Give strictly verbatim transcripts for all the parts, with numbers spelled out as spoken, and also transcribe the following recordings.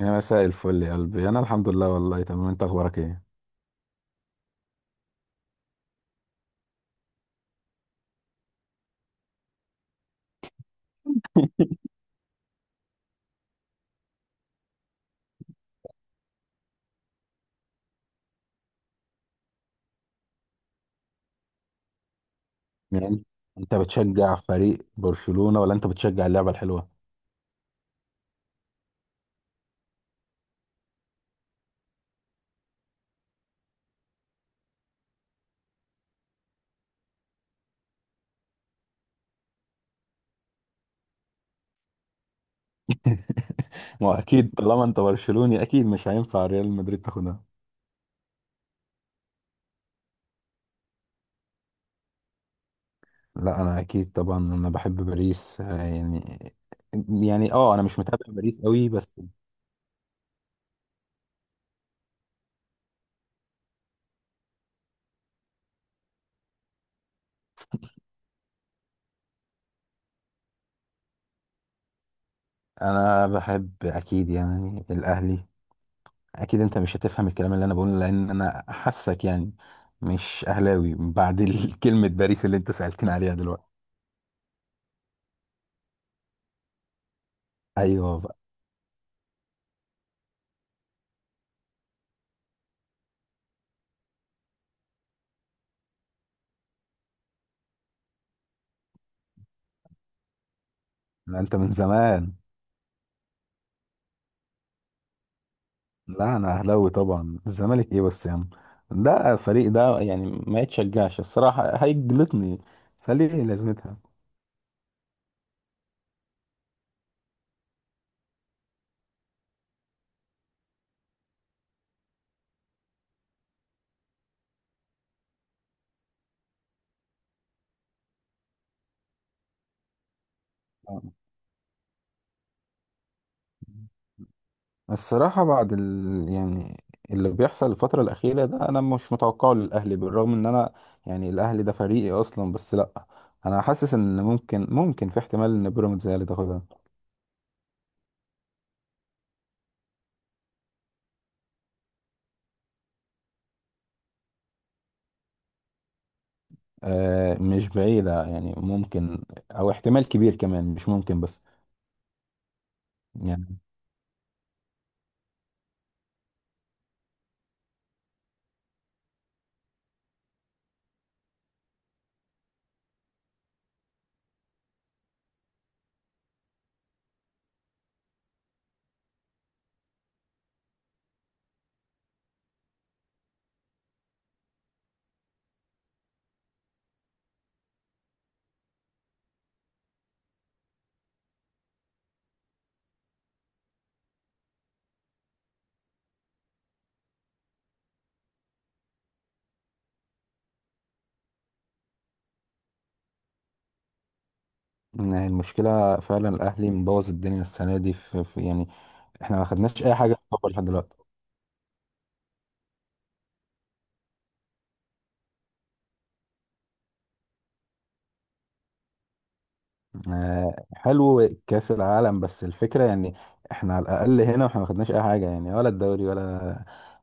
يا مساء الفل يا قلبي، انا الحمد لله والله تمام. انت اخبارك ايه؟ يعني انت بتشجع فريق برشلونة ولا انت بتشجع اللعبة الحلوة؟ ما هو اكيد طالما انت برشلوني، اكيد مش هينفع ريال مدريد تاخدها. لا انا اكيد طبعا انا بحب باريس، آه، يعني يعني اه انا مش متابع باريس قوي بس. انا بحب اكيد يعني الاهلي. اكيد انت مش هتفهم الكلام اللي انا بقوله، لان انا حاسك يعني مش اهلاوي بعد ال- كلمة باريس اللي انت سألتني عليها دلوقتي. ايوه. لا انت من زمان. لا انا اهلاوي طبعا، الزمالك ايه بس يا عم؟ ده فريق ده يعني ما يتشجعش، الصراحه هيجلطني. فليه لازمتها؟ الصراحه بعد ال... يعني اللي بيحصل الفتره الاخيره ده انا مش متوقعه للاهلي، بالرغم ان انا يعني الاهلي ده فريقي اصلا، بس لا، انا حاسس ان ممكن ممكن في احتمال ان بيراميدز هي اللي تاخدها. آه مش بعيده يعني، ممكن او احتمال كبير كمان، مش ممكن بس. يعني المشكلة فعلا الأهلي مبوظ الدنيا السنة دي في, في يعني احنا ما خدناش أي حاجة في الكورة لحد دلوقتي. آه، حلو كأس العالم، بس الفكرة يعني احنا على الأقل هنا واحنا ما خدناش أي حاجة، يعني ولا الدوري ولا.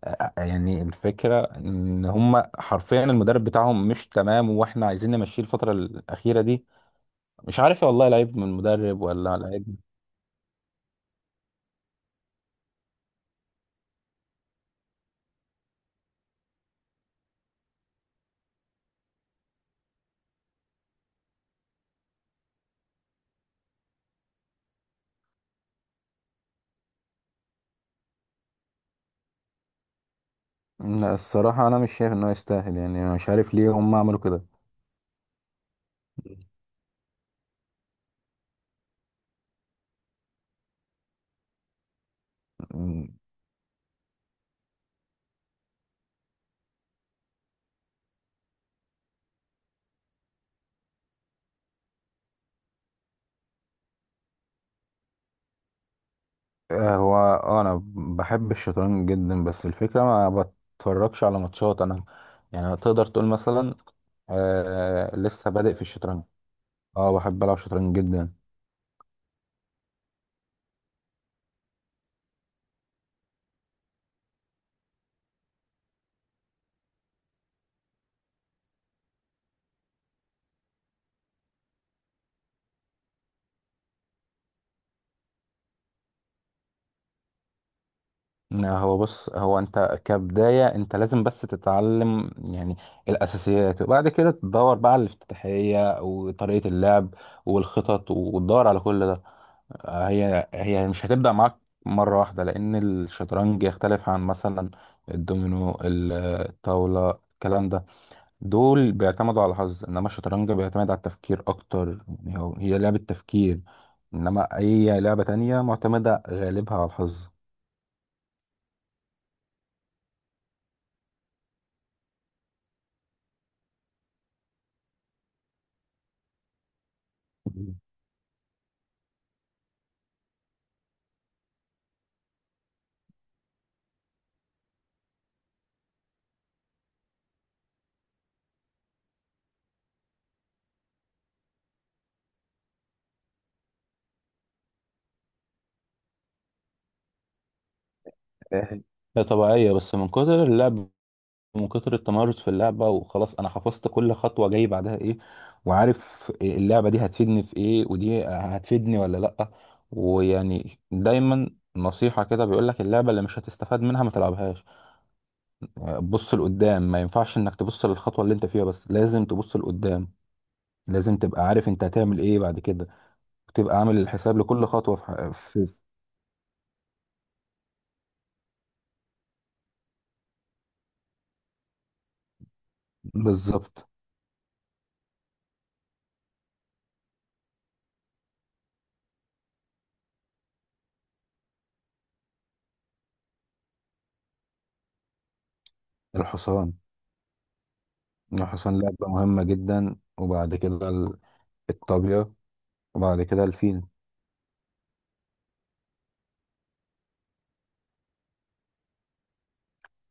آه، يعني الفكرة إن هما حرفيا المدرب بتاعهم مش تمام، واحنا عايزين نمشيه الفترة الأخيرة دي. مش عارف والله، لعيب من المدرب ولا لعيب. لا الصراحة أنا مش شايف إنه يستاهل، يعني أنا مش عارف ليه هما عملوا كده. آه، هو آه، انا بحب الشطرنج جدا، بس الفكره ما بتفرجش على ماتشات انا، يعني تقدر تقول مثلا آه لسه بادئ في الشطرنج. اه بحب العب شطرنج جدا. آه، هو بص، هو انت كبدايه انت لازم بس تتعلم يعني الاساسيات، وبعد كده تدور بقى على الافتتاحيه وطريقه اللعب والخطط، وتدور على كل ده. هي هي مش هتبدأ معاك مرة واحدة، لأن الشطرنج يختلف عن مثلا الدومينو، ال- الطاولة، الكلام ده دول بيعتمدوا على الحظ، إنما الشطرنج بيعتمد على التفكير أكتر. يعني هو- هي لعبة تفكير، إنما أي لعبة تانية معتمدة غالبها على الحظ. مم. هي طبيعية بس من كتر اللعب، من كتر التمرس في اللعبة، وخلاص أنا حفظت كل خطوة جاي بعدها إيه، وعارف إيه اللعبة دي هتفيدني في إيه ودي هتفيدني ولا لأ. ويعني دايما نصيحة كده بيقولك اللعبة اللي مش هتستفاد منها ما تلعبهاش. بص لقدام، ما ينفعش إنك تبص للخطوة اللي أنت فيها بس، لازم تبص لقدام، لازم تبقى عارف أنت هتعمل إيه بعد كده، وتبقى عامل الحساب لكل خطوة في, ح- في بالظبط. الحصان. الحصان لعبة مهمة جدا، وبعد كده ال- الطابية، وبعد كده الفيل.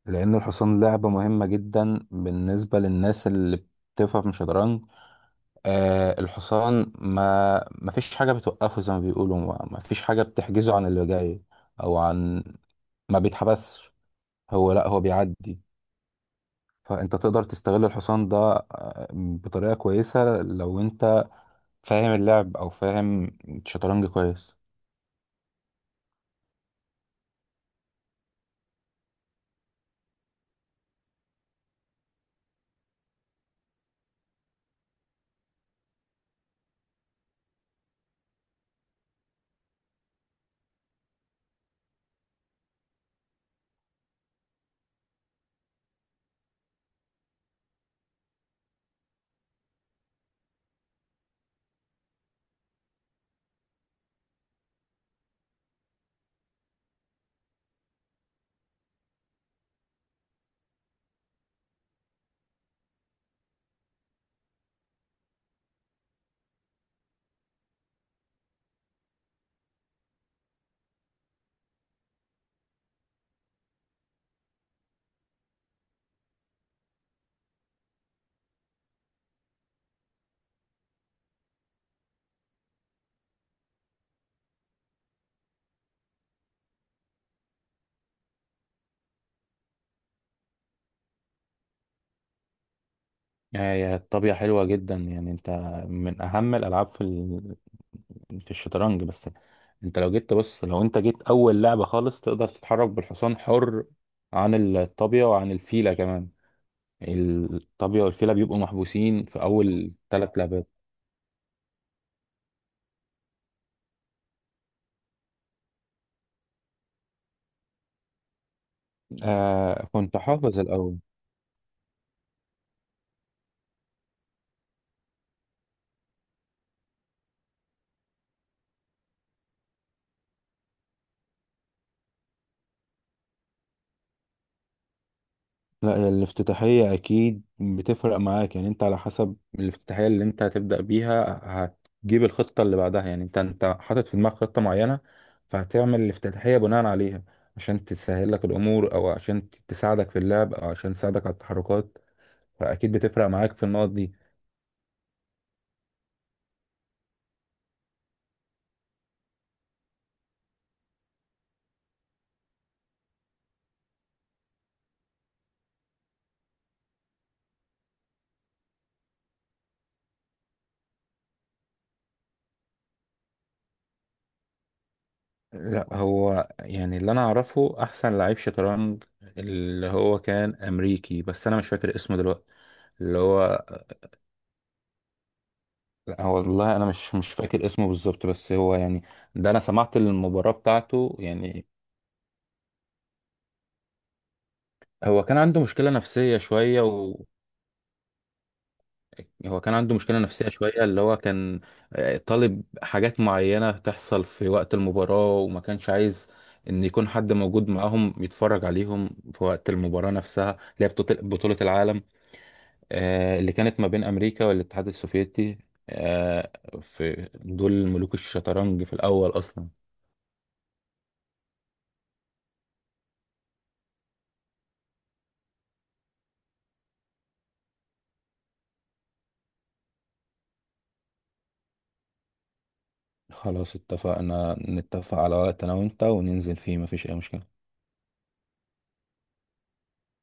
لأن الحصان لعبة مهمة جدا بالنسبة للناس اللي بتفهم شطرنج. آه الحصان ما ما فيش حاجة بتوقفه، زي ما بيقولوا ما ما فيش حاجة بتحجزه عن اللي جاي، أو عن، ما بيتحبسش، هو لا هو بيعدي. فأنت تقدر تستغل الحصان ده آه، بطريقة كويسة لو أنت فاهم اللعب أو فاهم الشطرنج كويس. يعني هي الطابية حلوة جدا، يعني انت من اهم الالعاب في ال... في الشطرنج. بس انت لو جيت تبص، لو انت جيت اول لعبة خالص تقدر تتحرك بالحصان حر عن الطابية وعن الفيلة كمان. الطابية والفيلة بيبقوا محبوسين في اول ثلاث لعبات. آه كنت حافظ الاول. لا هي الافتتاحية أكيد بتفرق معاك، يعني أنت على حسب الافتتاحية اللي أنت هتبدأ بيها هتجيب الخطة اللي بعدها. يعني أنت أنت حاطط في دماغك خطة معينة، فهتعمل الافتتاحية بناء عليها عشان تسهل لك الأمور، أو عشان تساعدك في اللعب، أو عشان تساعدك على التحركات. فأكيد بتفرق معاك في النقط دي. لا هو يعني اللي أنا أعرفه أحسن لعيب شطرنج اللي هو كان أمريكي، بس أنا مش فاكر اسمه دلوقتي، اللي هو، لا هو والله انا مش مش فاكر اسمه بالظبط، بس هو يعني ده انا سمعت المباراة بتاعته يعني. هو كان عنده مشكلة نفسية شوية، و هو كان عنده مشكلة نفسية شوية اللي هو كان آه، طالب حاجات معينة تحصل في وقت المباراة، وما كانش عايز ان يكون حد موجود معاهم يتفرج عليهم في وقت المباراة نفسها، اللي هي بطولة بطولة العالم، آه، اللي كانت ما بين امريكا والاتحاد السوفيتي. آه، في دول ملوك الشطرنج في الاول اصلا. خلاص اتفقنا، نتفق على وقت انا وانت وننزل فيه، مفيش اي مشكلة.